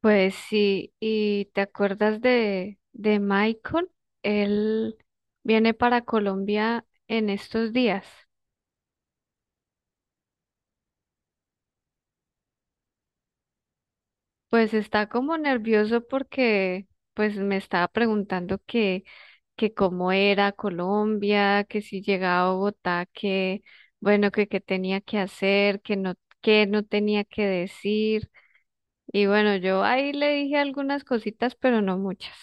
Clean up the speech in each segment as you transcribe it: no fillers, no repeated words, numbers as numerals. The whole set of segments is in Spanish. Pues sí, ¿y te acuerdas de Michael? Él viene para Colombia en estos días. Pues está como nervioso porque pues me estaba preguntando que, cómo era Colombia, que si llegaba a Bogotá, que bueno, que qué tenía que hacer, que no tenía que decir. Y bueno, yo ahí le dije algunas cositas, pero no muchas.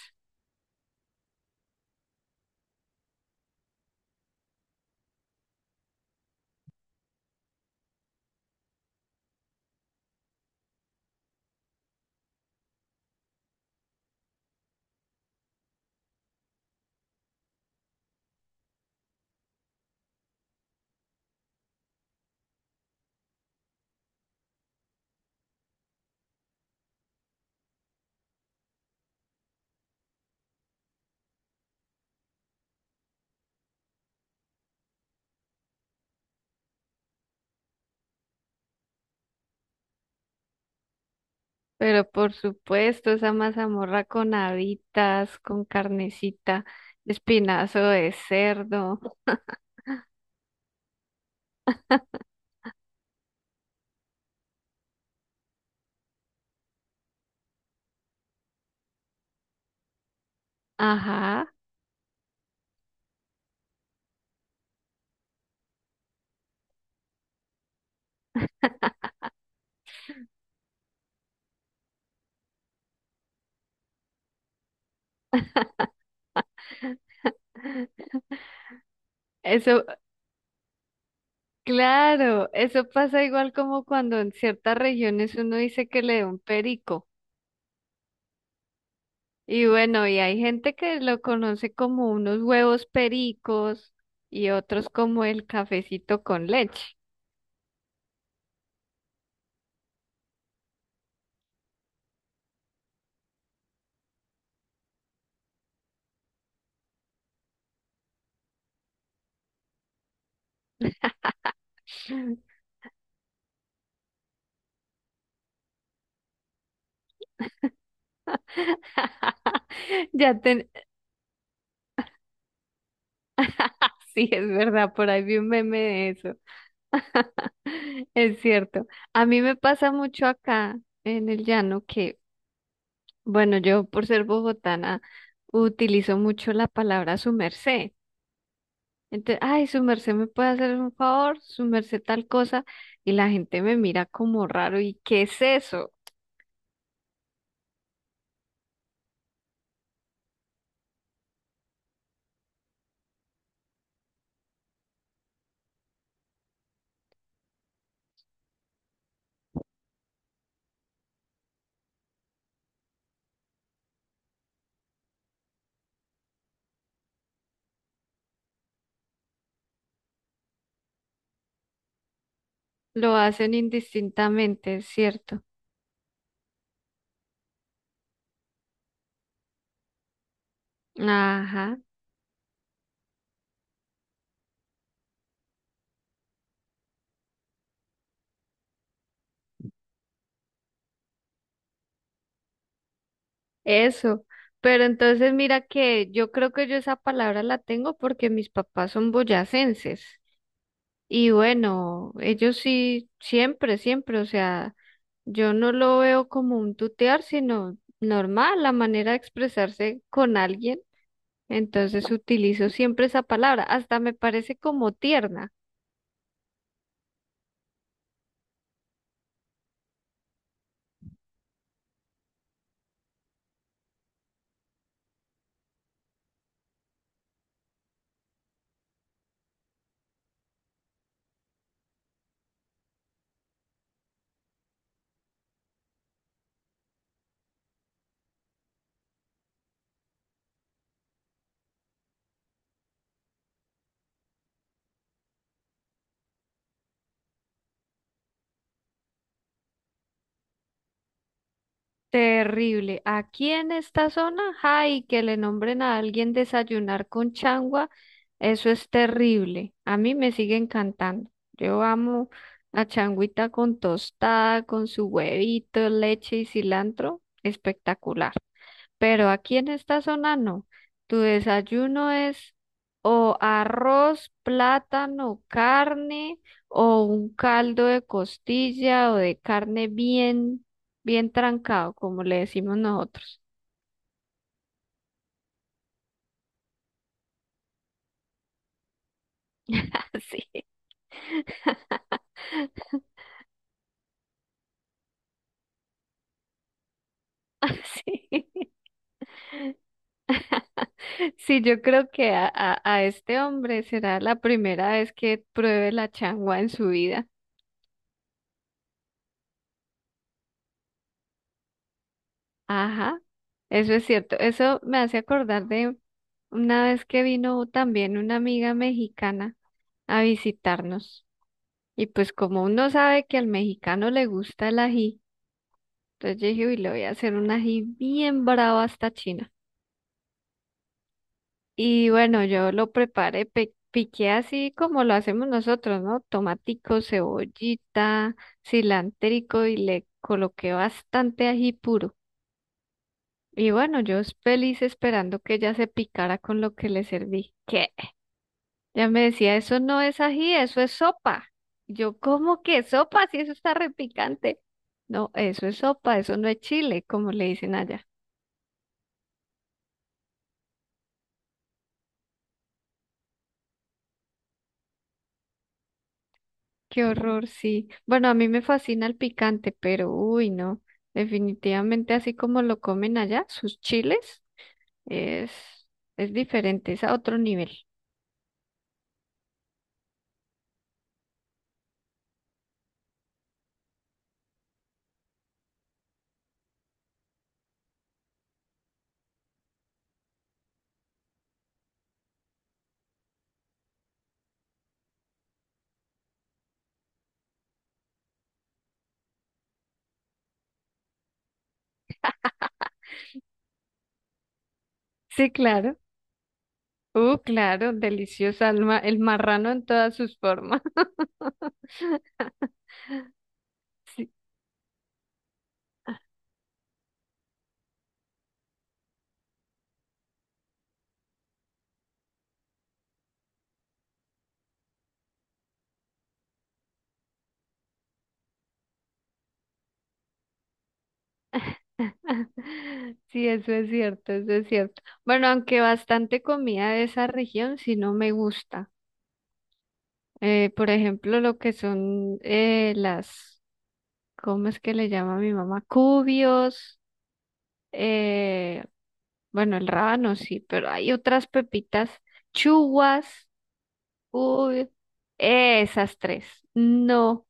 Pero por supuesto, esa mazamorra con habitas, con carnecita, espinazo de cerdo. Ajá, eso, claro, eso pasa igual como cuando en ciertas regiones uno dice que le da un perico. Y bueno, y hay gente que lo conoce como unos huevos pericos y otros como el cafecito con leche. Ya ten, sí, es verdad, por ahí vi un meme de eso. Es cierto. A mí me pasa mucho acá en el llano que, bueno, yo por ser bogotana utilizo mucho la palabra su merced. Entonces, ay, su merced me puede hacer un favor, su merced tal cosa, y la gente me mira como raro. ¿Y qué es eso? Lo hacen indistintamente, es cierto. Ajá, eso. Pero entonces mira que yo creo que yo esa palabra la tengo porque mis papás son boyacenses. Y bueno, ellos sí, siempre, siempre, o sea, yo no lo veo como un tutear, sino normal, la manera de expresarse con alguien. Entonces utilizo siempre esa palabra, hasta me parece como tierna. Terrible. Aquí en esta zona, ay, que le nombren a alguien desayunar con changua, eso es terrible. A mí me sigue encantando. Yo amo la changuita con tostada, con su huevito, leche y cilantro. Espectacular. Pero aquí en esta zona no. Tu desayuno es o arroz, plátano, carne o un caldo de costilla o de carne bien, bien trancado, como le decimos nosotros. Así, así. Sí, sí, yo creo que a este hombre será la primera vez que pruebe la changua en su vida. Ajá, eso es cierto. Eso me hace acordar de una vez que vino también una amiga mexicana a visitarnos. Y pues como uno sabe que al mexicano le gusta el ají, entonces yo dije, uy, le voy a hacer un ají bien bravo hasta China. Y bueno, yo lo preparé, piqué así como lo hacemos nosotros, ¿no? Tomatico, cebollita, cilantrico y le coloqué bastante ají puro. Y bueno, yo feliz esperando que ella se picara con lo que le serví. Ya me decía, eso no es ají, eso es sopa. Yo, ¿cómo que sopa? Si eso está repicante. No, eso es sopa, eso no es chile, como le dicen allá. Qué horror, sí. Bueno, a mí me fascina el picante, pero uy, no. Definitivamente así como lo comen allá, sus chiles es, es diferente, es a otro nivel. Sí, claro. Claro, deliciosa el, ma- el marrano en todas sus formas. sí Sí, eso es cierto, eso es cierto. Bueno, aunque bastante comida de esa región sí no me gusta. Por ejemplo, lo que son las, ¿cómo es que le llama mi mamá? Cubios, eh, bueno, el rábano sí, pero hay otras pepitas, chuguas, uy, esas tres. No,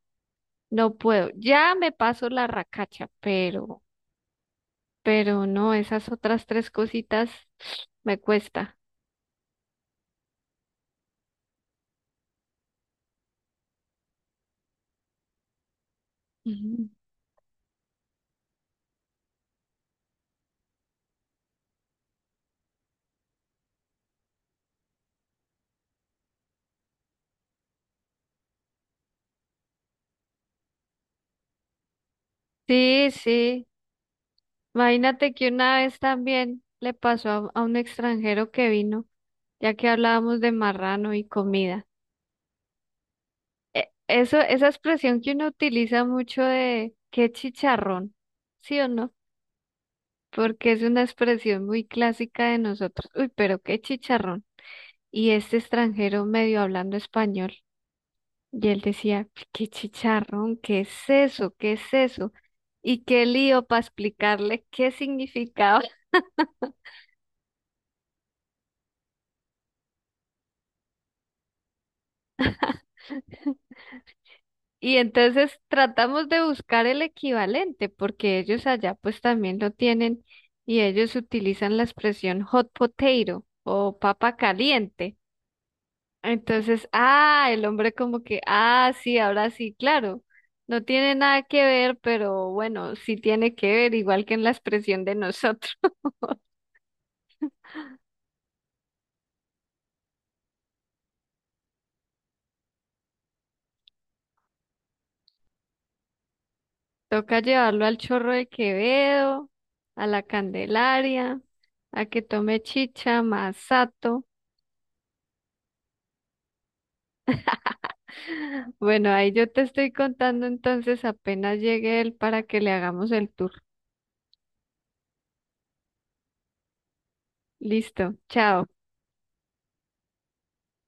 no puedo. Ya me paso la racacha, pero no, esas otras tres cositas me cuesta. Ujú. Sí, sí. Imagínate que una vez también le pasó a un extranjero que vino, ya que hablábamos de marrano y comida. E- Eso, esa expresión que uno utiliza mucho de qué chicharrón, ¿sí o no? Porque es una expresión muy clásica de nosotros. Uy, pero qué chicharrón. Y este extranjero medio hablando español, y él decía, qué chicharrón, ¿qué es eso? ¿Qué es eso? Y qué lío para explicarle qué significaba. Y entonces tratamos de buscar el equivalente, porque ellos allá pues también lo tienen y ellos utilizan la expresión hot potato o papa caliente. Entonces, ah, el hombre como que, ah, sí, ahora sí, claro, no tiene nada que ver, pero bueno, sí tiene que ver, igual que en la expresión de nosotros. Toca llevarlo al Chorro de Quevedo, a la Candelaria, a que tome chicha, masato. Bueno, ahí yo te estoy contando entonces apenas llegue él para que le hagamos el tour. Listo, chao.